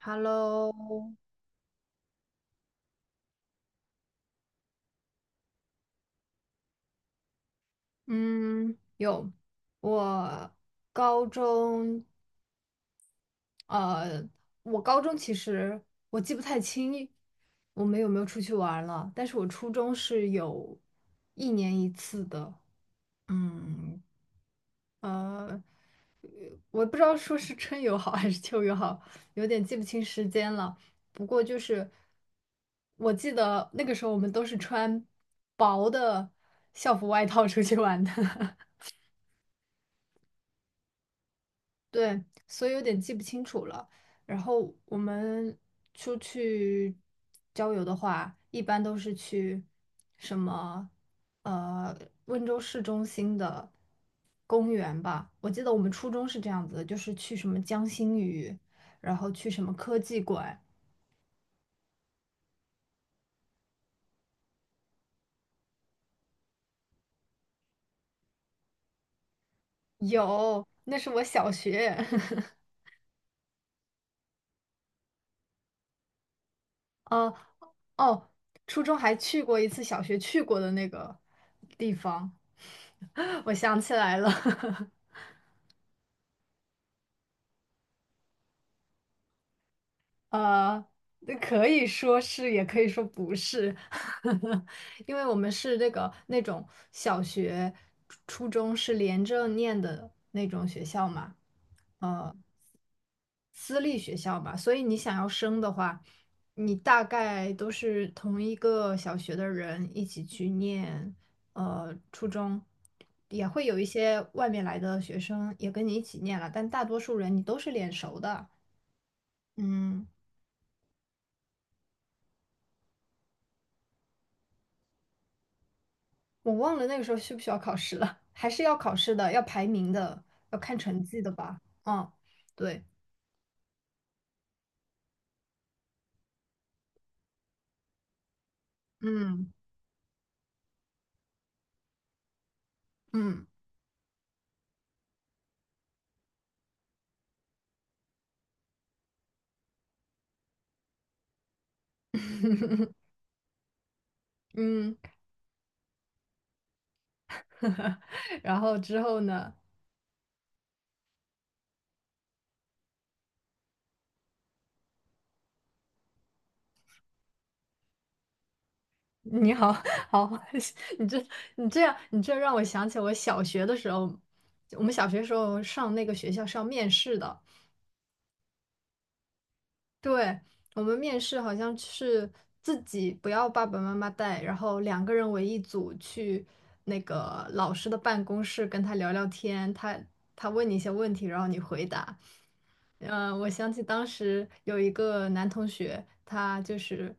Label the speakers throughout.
Speaker 1: Hello，嗯，有，我高中，呃，我高中其实我记不太清我们有没有出去玩儿了，但是我初中是有一年一次的，嗯，呃，我不知道说是春游好还是秋游好，有点记不清时间了。不过就是我记得那个时候我们都是穿薄的校服外套出去玩的。对，所以有点记不清楚了。然后我们出去郊游的话，一般都是去什么呃温州市中心的公园吧。我记得我们初中是这样子的，就是去什么江心屿，然后去什么科技馆。有，那是我小学。呃，哦，初中还去过一次小学去过的那个地方，我想起来了。呃，那可以说是，也可以说不是，因为我们是那个那种小学、初中是连着念的那种学校嘛，呃，私立学校嘛，所以你想要升的话，你大概都是同一个小学的人一起去念，初中，也会有一些外面来的学生也跟你一起念了，但大多数人你都是脸熟的，嗯。我忘了那个时候需不需要考试了，还是要考试的，要排名的，要看成绩的吧？嗯，对，嗯嗯 嗯，然后之后呢？你好，好，你这你这让我想起我小学的时候，我们小学时候上那个学校是要面试的，对，我们面试好像是自己不要爸爸妈妈带，然后两个人为一组去那个老师的办公室跟他聊聊天，他问你一些问题，然后你回答。嗯，我想起当时有一个男同学，他就是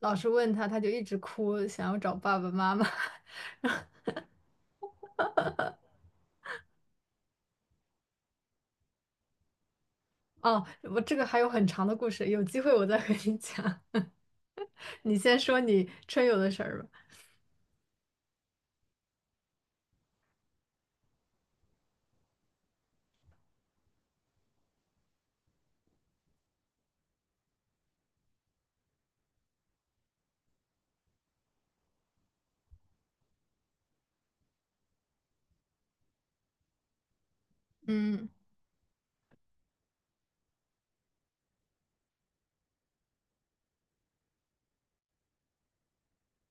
Speaker 1: 老师问他，他就一直哭，想要找爸爸妈妈。哦，我这个还有很长的故事，有机会我再和你讲。你先说你春游的事儿吧。嗯，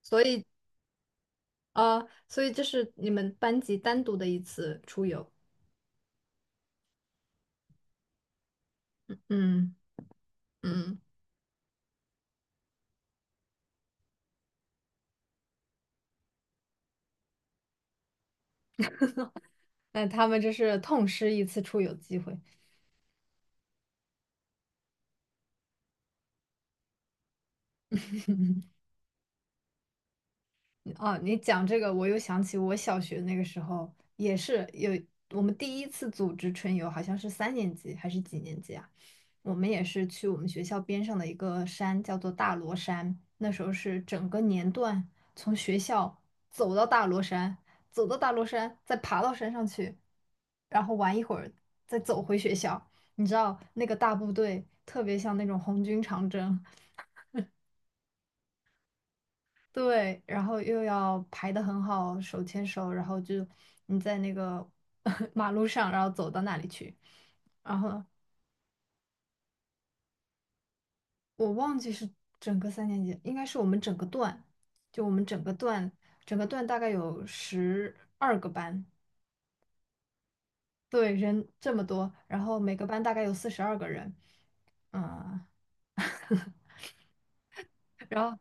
Speaker 1: 所以所以这是你们班级单独的一次出游。嗯嗯，那他们这是痛失一次出游机会。哦，你讲这个，我又想起我小学那个时候也是有我们第一次组织春游，好像是三年级还是几年级啊？我们也是去我们学校边上的一个山，叫做大罗山。那时候是整个年段从学校走到大罗山，走到大罗山，再爬到山上去，然后玩一会儿，再走回学校。你知道那个大部队特别像那种红军长征，对，然后又要排得很好，手牵手，然后就你在那个 马路上，然后走到那里去。然后我忘记是整个三年级，应该是我们整个段，整个段大概有12个班，对，人这么多，然后每个班大概有42个人，嗯，然后。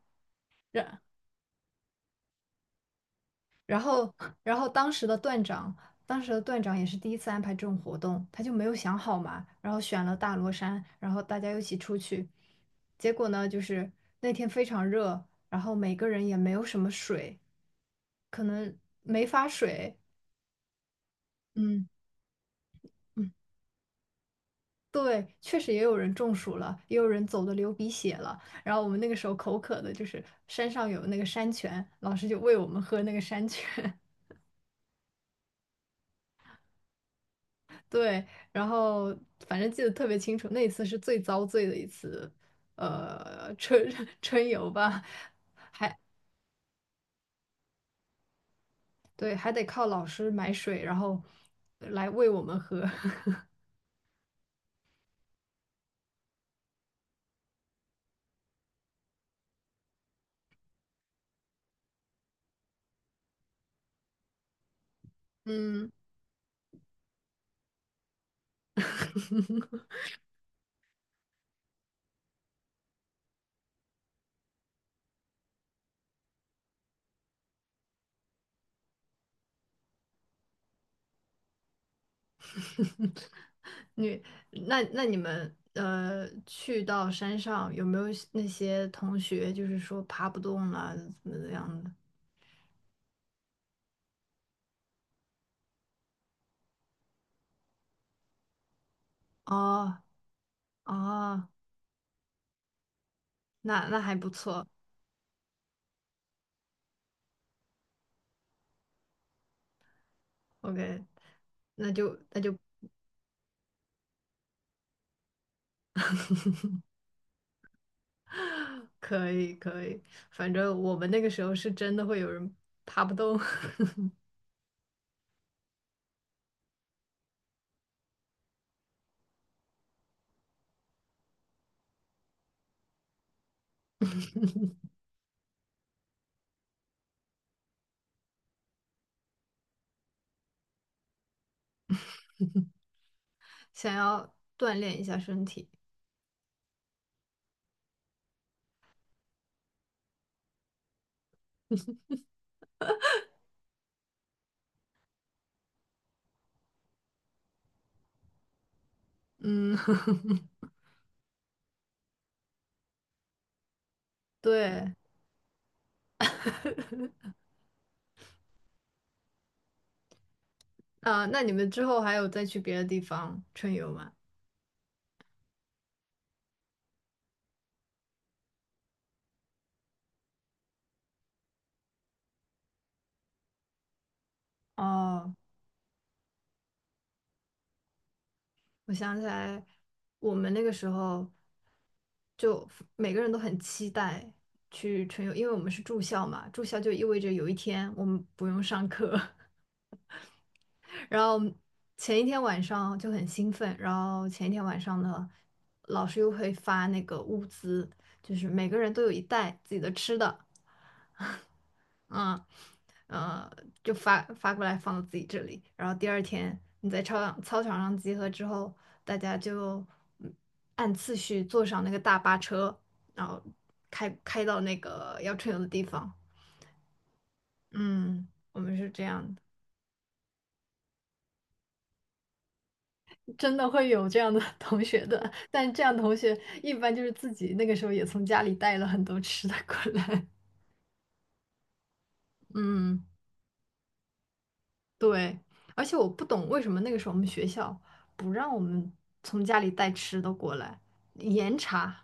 Speaker 1: 然后，然后当时的段长也是第一次安排这种活动，他就没有想好嘛，然后选了大罗山，然后大家一起出去，结果呢，就是那天非常热，然后每个人也没有什么水，可能没发水，嗯嗯，对，确实也有人中暑了，也有人走的流鼻血了，然后我们那个时候口渴的，就是山上有那个山泉，老师就喂我们喝那个山泉，对，然后反正记得特别清楚，那一次是最遭罪的一次，呃，春 春游吧，对，还得靠老师买水，然后来喂我们喝。嗯，你那那你们呃去到山上有没有那些同学就是说爬不动了怎么样的？哦哦，那还不错，OK，那就 可以可以，反正我们那个时候是真的会有人爬不动，想要锻炼一下身体。嗯，对，啊，那你们之后还有再去别的地方春游吗？哦，我想起来，我们那个时候就每个人都很期待去春游，因为我们是住校嘛，住校就意味着有一天我们不用上课，然后前一天晚上就很兴奋，然后前一天晚上呢，老师又会发那个物资，就是每个人都有一袋自己的吃的，嗯，呃，就发过来放到自己这里。然后第二天你在操场上集合之后，大家就嗯按次序坐上那个大巴车，然后开到那个要春游的地方。嗯，我们是这样的。真的会有这样的 同学的，但这样同学一般就是自己那个时候也从家里带了很多吃的过来。嗯，对，而且我不懂为什么那个时候我们学校不让我们从家里带吃的过来，严查。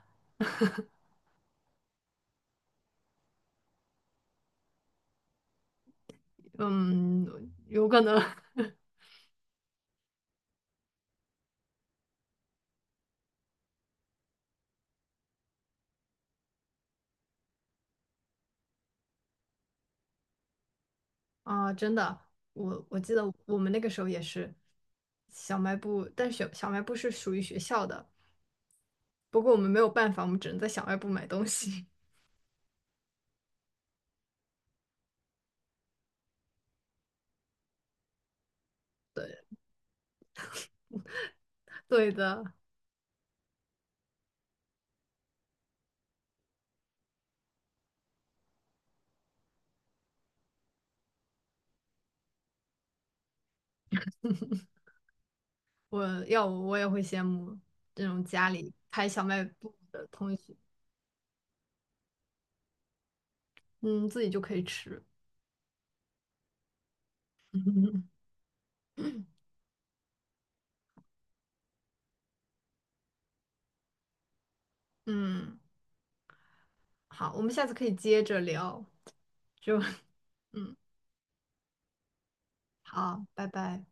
Speaker 1: 嗯，有可能 啊，真的，我记得我们那个时候也是小卖部，但小卖部是属于学校的，不过我们没有办法，我们只能在小卖部买东西。对的。我要我我也会羡慕这种家里开小卖部的同学，嗯，自己就可以吃。嗯，好，我们下次可以接着聊，就 嗯，好，拜拜。